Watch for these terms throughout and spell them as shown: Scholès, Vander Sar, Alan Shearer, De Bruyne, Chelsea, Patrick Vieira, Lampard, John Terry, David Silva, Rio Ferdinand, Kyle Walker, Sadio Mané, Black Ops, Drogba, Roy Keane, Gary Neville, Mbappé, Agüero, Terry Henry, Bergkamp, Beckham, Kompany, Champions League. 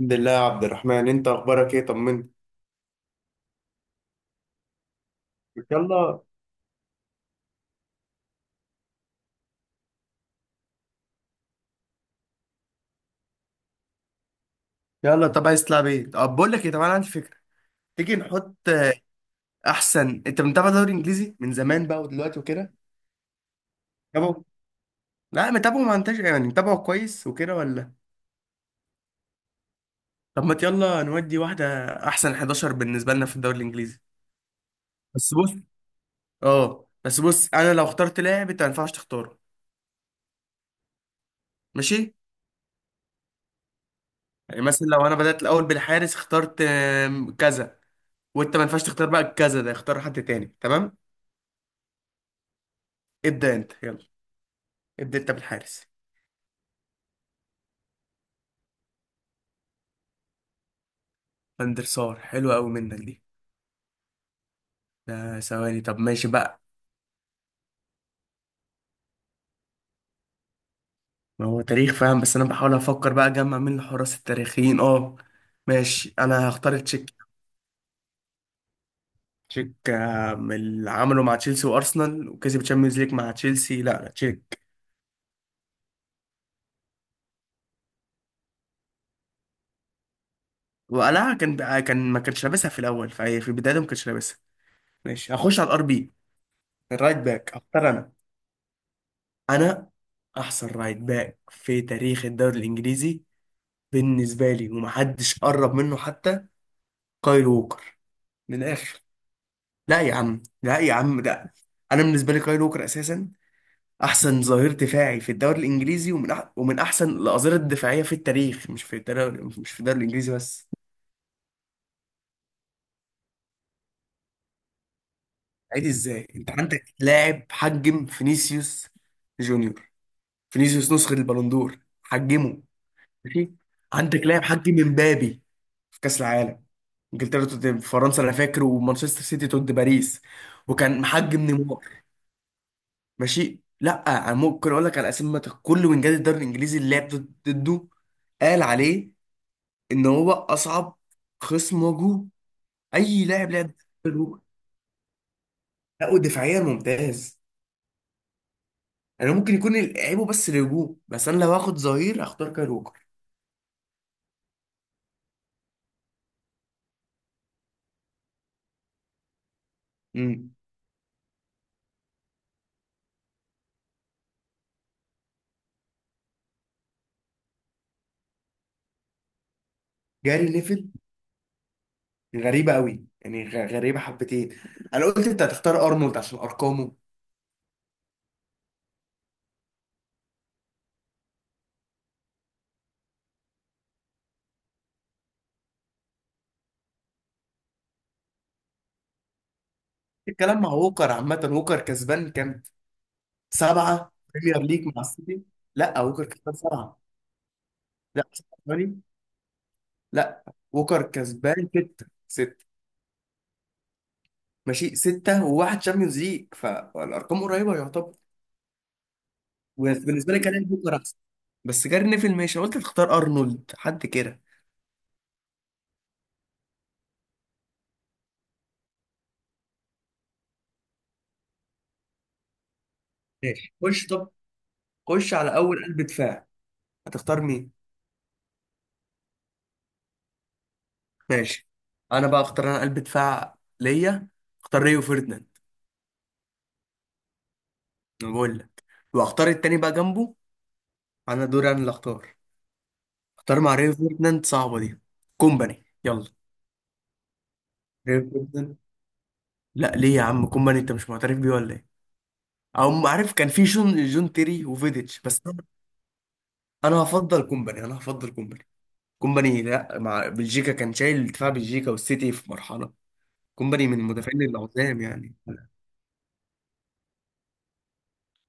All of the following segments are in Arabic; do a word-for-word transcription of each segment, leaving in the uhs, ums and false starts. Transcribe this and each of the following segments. الحمد لله يا عبد الرحمن، انت اخبارك ايه؟ طمني. يلا. يلا، طب عايز تلعب ايه؟ طب بقول لك ايه، طب انا عندي فكره. تيجي نحط آه، احسن. انت متابع دوري انجليزي من زمان بقى ودلوقتي وكده؟ متابعه. لا متابعه، ما انتش يعني متابعه كويس وكده ولا؟ طب ما يلا نودي واحده، احسن احداشر بالنسبه لنا في الدوري الانجليزي. بس بص. اه، بس بص، انا لو اخترت لاعب انت ما ينفعش تختاره. ماشي. يعني مثلا لو انا بدات الاول بالحارس، اخترت آم، كذا، وانت ما ينفعش تختار بقى كذا، ده اختار حد تاني. تمام؟ ابدا انت. يلا، ابدا انت بالحارس. فاندر سار، حلوة قوي منك دي. ده ثواني. طب ماشي بقى. ما هو تاريخ، فاهم، بس انا بحاول افكر بقى اجمع مين الحراس التاريخيين. اه، ماشي، انا هختار تشيك. تشيك آه، من اللي عمله مع تشيلسي وارسنال وكسب تشامبيونز ليج مع تشيلسي. لا لا، تشيك. وقلعها كان بقى، كان ما كانش لابسها في الاول، فهي في البدايه ما كانش لابسها. ماشي، هخش على الار بي. الرايت باك هختار انا. انا احسن رايت باك في تاريخ الدوري الانجليزي بالنسبه لي، ومحدش قرب منه حتى. كايل ووكر. من الاخر. لا يا عم، لا يا عم، لا. انا بالنسبه لي كايل ووكر اساسا احسن ظهير دفاعي في الدوري الانجليزي، ومن أح ومن احسن الاظهره الدفاعيه في التاريخ، مش في الدوري، مش في الدوري الانجليزي بس. عادي، ازاي انت عندك لاعب حجم فينيسيوس جونيور؟ فينيسيوس نسخه البالندور حجمه. ماشي. عندك لاعب حجم امبابي في كاس العالم. انجلترا ضد فرنسا انا فاكر، ومانشستر سيتي ضد باريس، وكان محجم نيمار. ماشي. لا، أنا ممكن اقول لك على اسامي كل وينجات الدوري الانجليزي اللي لعب ضد- ضده، قال عليه ان هو اصعب خصم واجهه، اي لاعب لعب ضده. لا، ودفاعيا ممتاز. انا ممكن يكون لعيبه بس الهجوم، بس انا لو هاخد ظهير اختار كايل ووكر. امم جاري نيفل. غريبه قوي يعني، غ- غريبه حبتين. انا قلت انت هتختار ارنولد عشان ارقامه. الكلام مع ووكر عامه، ووكر كسبان كام؟ سبعه بريمير ليج مع السيتي. لا، ووكر كسبان سبعه. لا لا، ووكر كسبان ستة. ستة. ماشي، ستة وواحد شامبيونز ليج، فالأرقام قريبة يعتبر. وبالنسبة لي كان بوكر أحسن. بس جاري نيفل ماشي، أنا قلت تختار أرنولد حد كده. ماشي، خش طب. خش على أول قلب دفاع. هتختار مين؟ ماشي. أنا بقى أختار أنا قلب دفاع ليا، أختار ريو فيرديناند. أنا بقول لك. وأختار التاني بقى جنبه، أنا دوري أنا اللي أختار. أختار مع ريو فيرديناند، صعبة دي، كومباني. يلا. ريو فيرديناند. لا ليه يا عم، كومباني أنت مش معترف بيه ولا إيه؟ او عارف كان في جون جون تيري وفيديتش، بس انا أنا هفضل كومباني، انا هفضل كومباني. كومباني، لا، مع بلجيكا كان شايل دفاع بلجيكا والسيتي في مرحله. كومباني من المدافعين العظام يعني.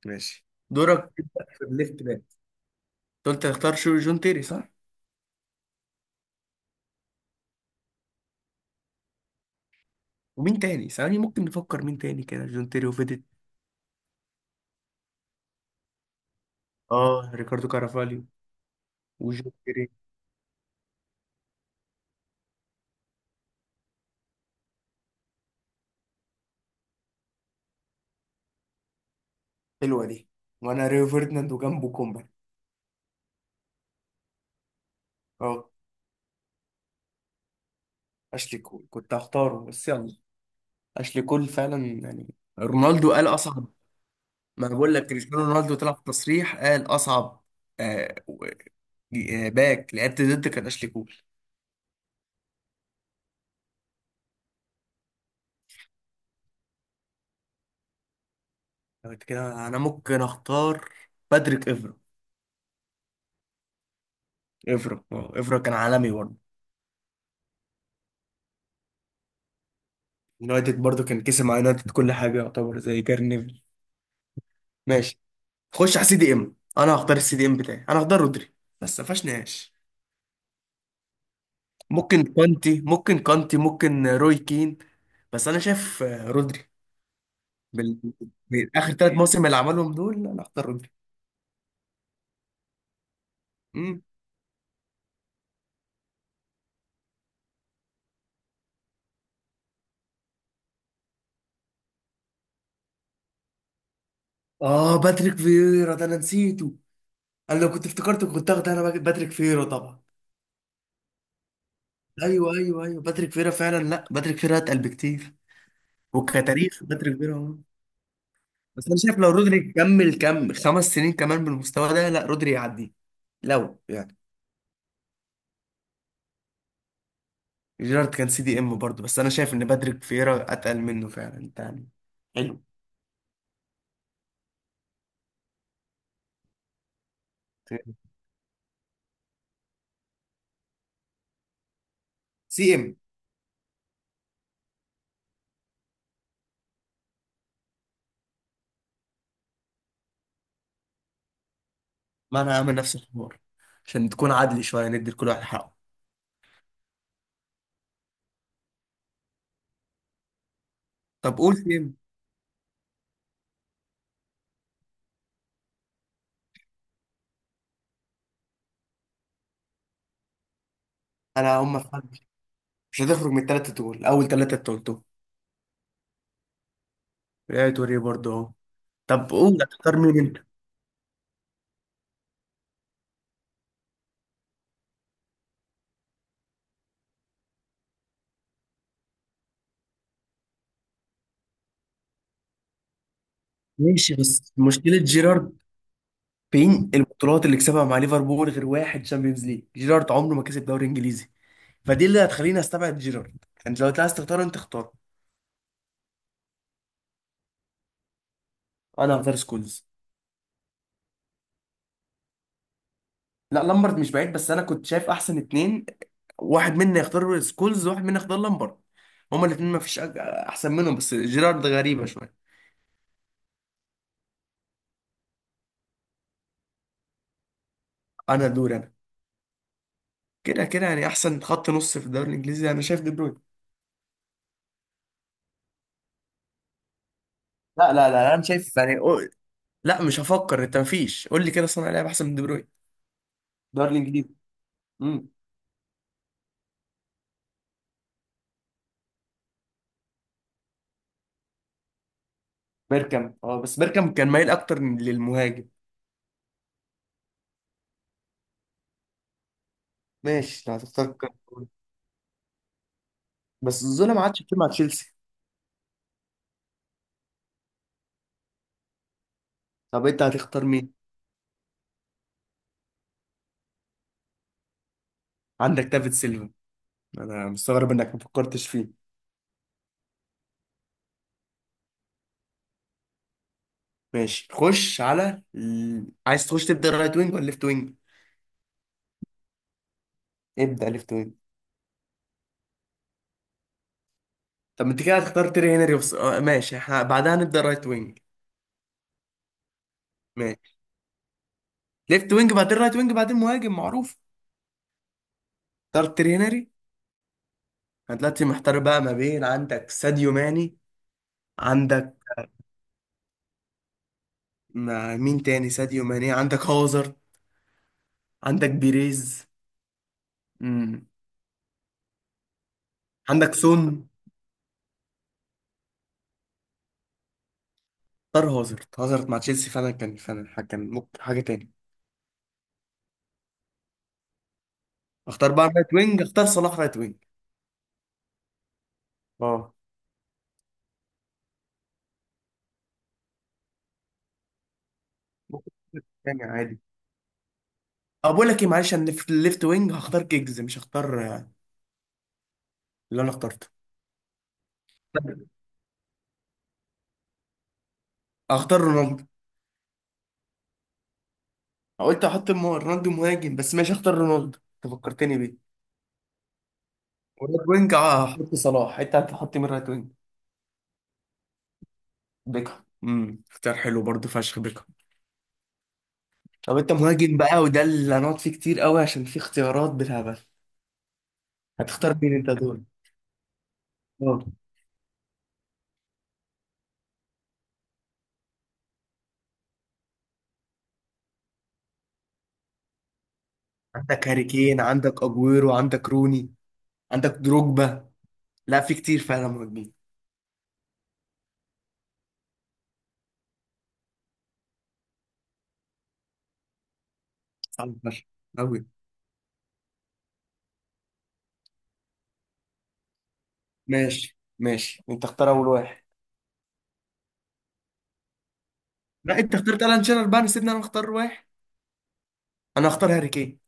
ماشي، دورك تبدأ في الليفت باك. أنت قلت هتختار شو؟ جون تيري صح؟ ومين تاني؟ ثواني ممكن نفكر مين تاني كده، جون تيري وفيديتش. اه، ريكاردو كارافاليو وجون تيري. حلوه دي. وانا ريو فيرديناند وجنبه كومباني. اه، اشلي كول كنت هختاره بس يلا. اشلي كول فعلا يعني. رونالدو قال اصعب. ما بقول لك، كريستيانو رونالدو طلع في تصريح قال اصعب آه و- آه، باك لعبت ضد كان اشلي كول. أنا قلت كده، انا ممكن اختار باتريك افرا. افرا آه، افرا كان عالمي برضه، يونايتد برضه كان كسب مع يونايتد كل حاجه، يعتبر زي جاري نيفل. ماشي. خش على سي دي ام. انا هختار السي دي ام بتاعي، انا هختار رودري، بس ما فيهاش نقاش. ممكن كانتي، ممكن كانتي، ممكن روي كين، بس انا شايف آه، رودري. بال... بالاخر ثلاث مواسم اللي عملهم دول، انا هختار رودري. اه، باتريك فييرا ده انا نسيته. انا لو كنت افتكرته كنت اخد انا باتريك فييرا طبعا. ايوه ايوه ايوه، باتريك فييرا فعلا، لا باتريك فييرا اتقل بكتير. وكتاريخ باتريك فييرا هو. بس انا شايف لو رودري كمل كم خمس سنين كمان بالمستوى ده، لا رودري يعدي، لو يعني. جيرارد كان سي دي ام برضه، بس انا شايف ان باتريك فييرا اتقل منه فعلا تاني. حلو. سي ام. ما انا هعمل نفس الحوار عشان تكون عادل شويه، ندي لكل واحد حقه. طب قول سي ام. انا هم في حد مش هتخرج من الثلاثه دول، اول ثلاثه انت قلتهم. ريال توريه برضه اهو. طب قول هتختار مين انت. ماشي، بس مشكلة جيرارد، فين البطولات اللي كسبها مع ليفربول غير واحد شامبيونز ليج؟ جيرارد عمره ما كسب دوري انجليزي، فدي اللي هتخليني استبعد جيرارد. انت لو عايز تختار انت اختار. انا هختار سكولز. لا، لامبرد مش بعيد، بس انا كنت شايف احسن اتنين، واحد منا يختار سكولز وواحد منا يختار لامبرد. هما الاتنين ما فيش أج- احسن منهم، بس جيرارد غريبة شوية. انا دور انا. كده كده يعني، احسن خط نص في الدوري الانجليزي انا شايف دي بروين. لا لا لا، انا شايف يعني، لا مش هفكر. انت مفيش، قول لي كده صانع لعب احسن من دي بروين؟ الدوري الانجليزي. امم. بيركامب، اه بس بيركامب كان مايل اكتر للمهاجم. ماشي لو هتختار كارت. بس الظلم ما عادش كتير مع تشيلسي. طب انت هتختار مين؟ عندك دافيد سيلفا، انا مستغرب انك ما فكرتش فيه. ماشي، خش على ال... عايز تخش تبدا رايت وينج ولا ليفت وينج؟ ابدا ليفت وينج. طب ما انت كده هتختار تيري هنري وص... آه ماشي، احنا بعدها هنبدا رايت وينج. ماشي، ليفت وينج بعدين رايت وينج بعدين مهاجم معروف. اختار تيري هنري. انا دلوقتي محتار بقى ما بين، عندك ساديو ماني، عندك، ما مين تاني ساديو ماني، عندك هازارد، عندك بيريز، مم. عندك سون. اختار هازارد، هازارد مع تشيلسي فعلا كان فعلا ح- كان ممكن حاجة تاني. اختار بقى رايت وينج، اختار صلاح رايت وينج. اه. ممكن تاني عادي. أه، بقول لك ايه، معلش انا في الليفت وينج هختار كيجز، مش هختار آه، اللي انا اخترته. هختار رونالدو. قلت احط م- رونالدو مهاجم، بس ماشي اختار رونالدو. انت فكرتني بيه. ورايت وينج آه، هحط صلاح. انت هتحط مين رايت وينج؟ بيكهام، امم، اختيار حلو برضه، فشخ بيكهام. طب انت مهاجم بقى، وده اللي هنقعد فيه كتير قوي عشان في اختيارات بالهبل. هتختار مين انت دول؟ اه. عندك هاري كين، عندك اجويرو، عندك روني، عندك دروجبا. لا، في كتير فعلا مهاجمين. صعب فشخ قوي. ماشي ماشي، انت اختار اول واحد. لا، انت اخترت الان شيرر بقى، سيبني انا اختار واحد. انا اختار هاري كين.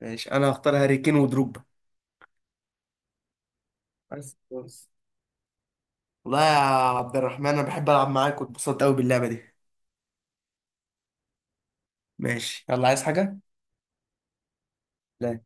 ماشي، انا اختار هاري كين ودروجبا. بس بس، والله يا عبد الرحمن، انا بحب العب معاك واتبسطت قوي باللعبه دي. ماشي، يلا عايز حاجه؟ لا.